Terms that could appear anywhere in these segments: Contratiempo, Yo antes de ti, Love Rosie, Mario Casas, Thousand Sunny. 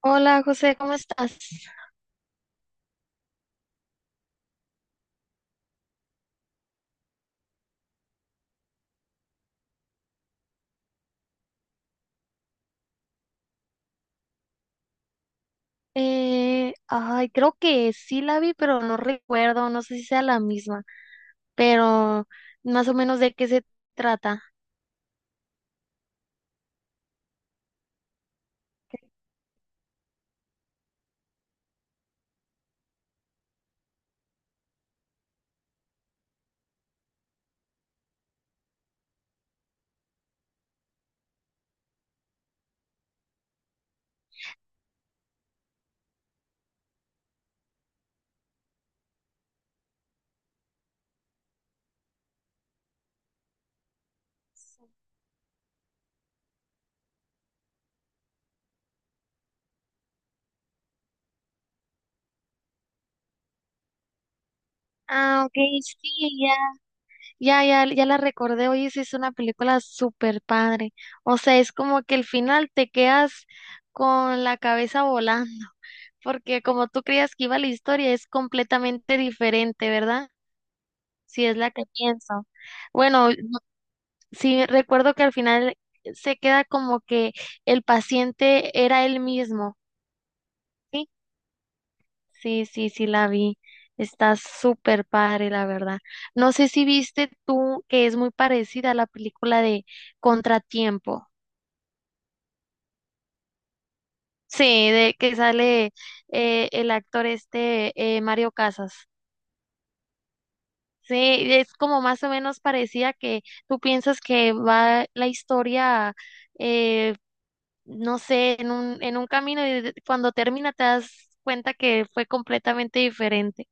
Hola José, ¿cómo estás? Ay, creo que sí la vi, pero no recuerdo, no sé si sea la misma, pero más o menos de qué se trata. Ah, ok, sí, ya, ya, ya, ya la recordé. Oye, sí, es una película súper padre. O sea, es como que el final te quedas con la cabeza volando, porque como tú creías que iba la historia, es completamente diferente, ¿verdad? Si es la que pienso. Bueno, sí, recuerdo que al final se queda como que el paciente era él mismo. Sí, sí, sí, sí la vi. Está súper padre, la verdad. No sé si viste tú que es muy parecida a la película de Contratiempo. Sí, de que sale el actor este Mario Casas. Sí, es como más o menos parecida que tú piensas que va la historia, eh, no sé, en un camino y cuando termina te das cuenta que fue completamente diferente.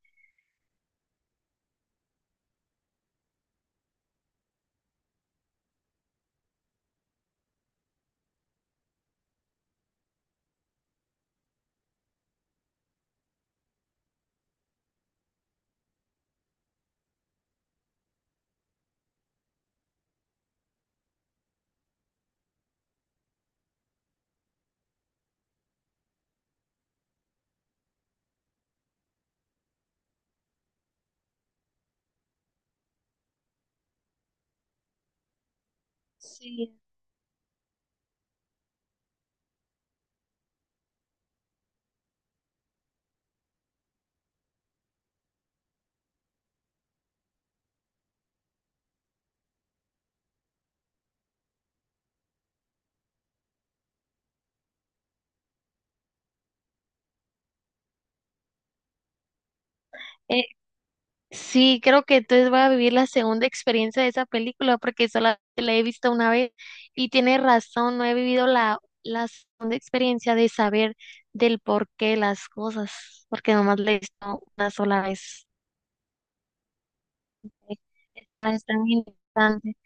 Sí. Eh, sí, creo que entonces voy a vivir la segunda experiencia de esa película porque solamente la he visto una vez y tiene razón, no he vivido la segunda experiencia de saber del porqué de las cosas, porque nomás la he visto una sola vez. Eh, Está, está muy interesante.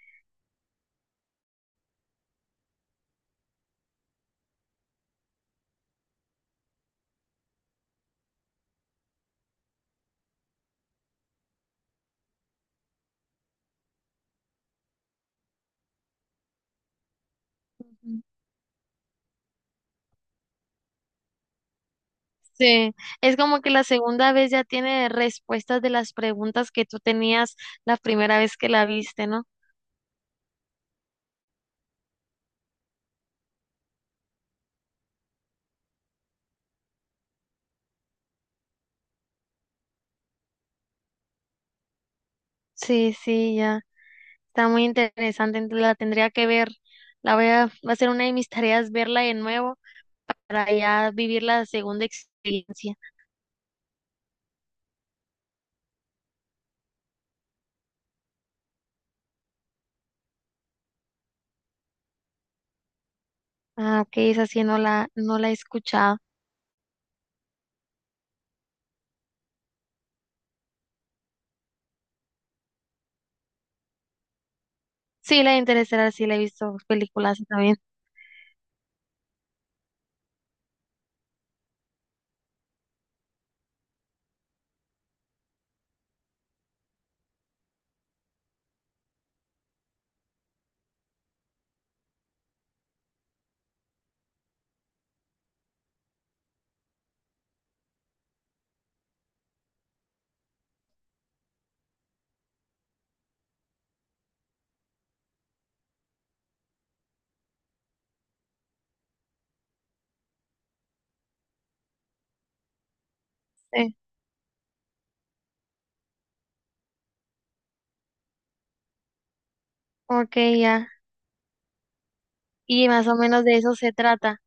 Ujú. Sí, es como que la segunda vez ya tiene respuestas de las preguntas que tú tenías la primera vez que la viste, ¿no? Sí, sí, ya. Está muy interesante, la tendría que ver. Va a ser una de mis tareas verla de nuevo para ya vivir la segunda experiencia. Ah, ok, esa sí no la he escuchado. Sí, la interesará, sí la he visto películas también. Sí, ok, ya. Y más o menos de eso se trata.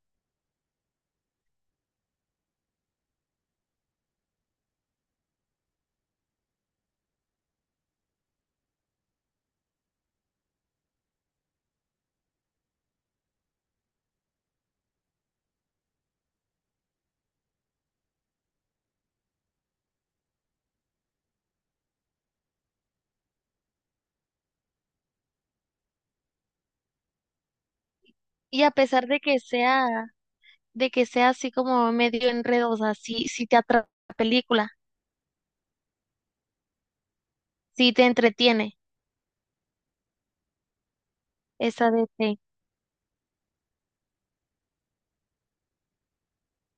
Y a pesar de que sea, de que sea así como medio enredosa, si te atrapa la película, si te entretiene, esa de T.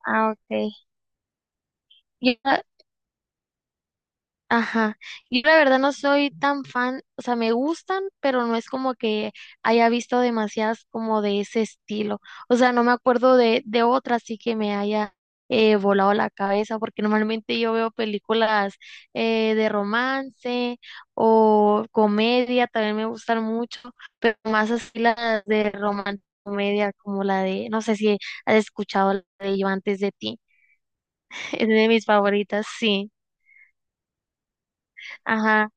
Ah, ok. Yo, ajá, yo la verdad no soy tan fan, o sea, me gustan, pero no es como que haya visto demasiadas como de ese estilo. O sea, no me acuerdo de otra así que me haya volado la cabeza, porque normalmente yo veo películas, de romance o comedia, también me gustan mucho, pero más así las de romance, comedia, como la de, no sé si has escuchado la de Yo antes de ti, es de mis favoritas, sí. Ajá.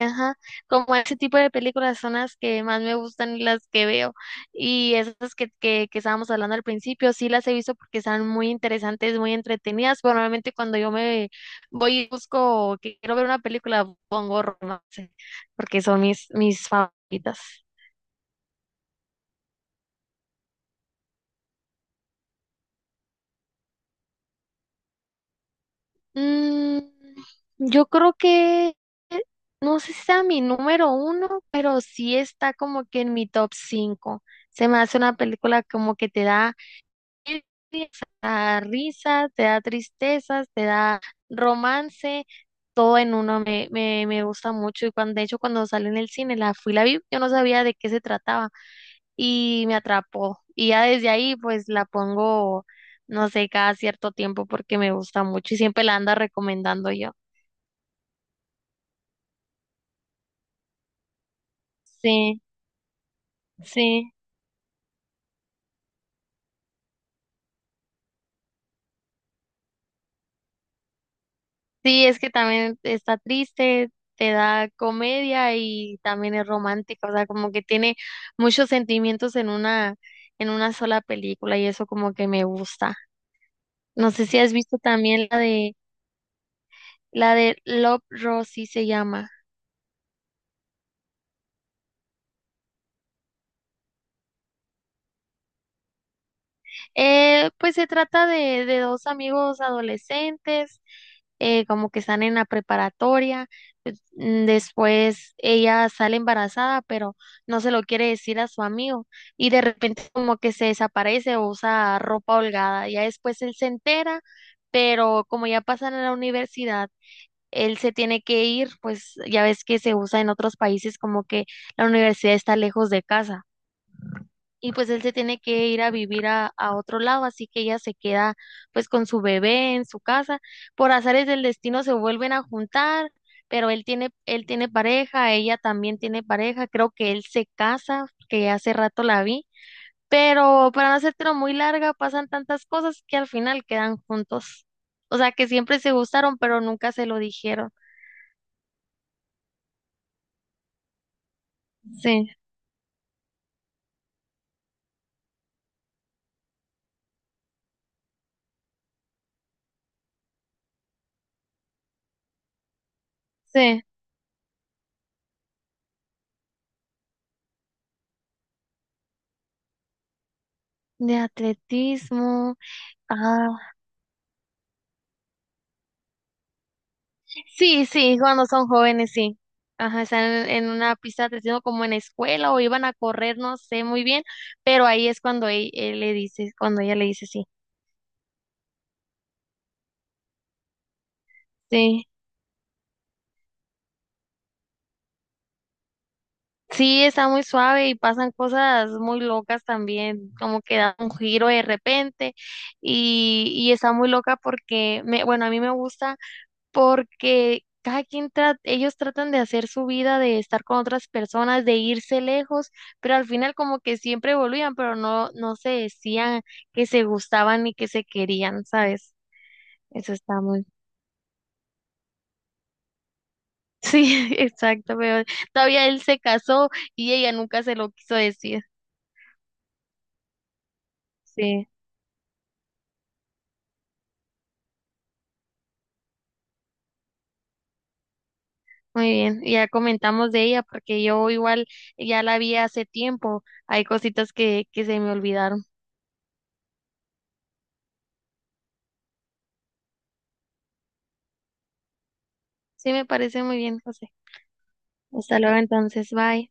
Ajá, como ese tipo de películas son las que más me gustan y las que veo. Y esas que estábamos hablando al principio, sí las he visto porque están muy interesantes, muy entretenidas. Pero normalmente cuando yo me voy y busco que quiero ver una película, pongo romance, porque son mis favoritas. Mm, yo creo que, no sé si sea mi número uno, pero sí está como que en mi top cinco. Se me hace una película como que te da risas, te da tristezas, te da romance, todo en uno me gusta mucho. Y cuando, de hecho, cuando sale en el cine, la vi, yo no sabía de qué se trataba y me atrapó. Y ya desde ahí, pues la pongo, no sé, cada cierto tiempo porque me gusta mucho y siempre la ando recomendando yo. Sí, sí. Sí, es que también está triste, te da comedia y también es romántica, o sea, como que tiene muchos sentimientos en una sola película y eso como que me gusta. No sé si has visto también la de, la de Love Rosie se llama. Pues se trata de dos amigos adolescentes, como que están en la preparatoria. Pues, después ella sale embarazada, pero no se lo quiere decir a su amigo y de repente como que se desaparece o usa ropa holgada. Ya después él se entera, pero como ya pasan a la universidad, él se tiene que ir, pues ya ves que se usa en otros países como que la universidad está lejos de casa y pues él se tiene que ir a vivir a otro lado, así que ella se queda pues con su bebé en su casa. Por azares del destino se vuelven a juntar, pero él tiene pareja, ella también tiene pareja, creo que él se casa, que hace rato la vi, pero para no hacértelo muy larga, pasan tantas cosas que al final quedan juntos. O sea que siempre se gustaron, pero nunca se lo dijeron. Sí, sí. De atletismo. Ah, sí, sí, cuando son jóvenes, sí. Ajá, están en una pista de atletismo como en la escuela o iban a correr, no sé muy bien, pero ahí es cuando él le dice, cuando ella le dice sí. Sí, sí, está muy suave y pasan cosas muy locas también, como que da un giro de repente y está muy loca porque, bueno, a mí me gusta, porque cada quien ellos tratan de hacer su vida, de estar con otras personas, de irse lejos, pero al final como que siempre volvían, pero no se decían que se gustaban ni que se querían, ¿sabes? Eso está muy... Sí, exacto, pero todavía él se casó y ella nunca se lo quiso decir. Sí, muy bien. Ya comentamos de ella porque yo igual ya la vi hace tiempo. Hay cositas que se me olvidaron. Sí, me parece muy bien, José. Hasta luego entonces, bye.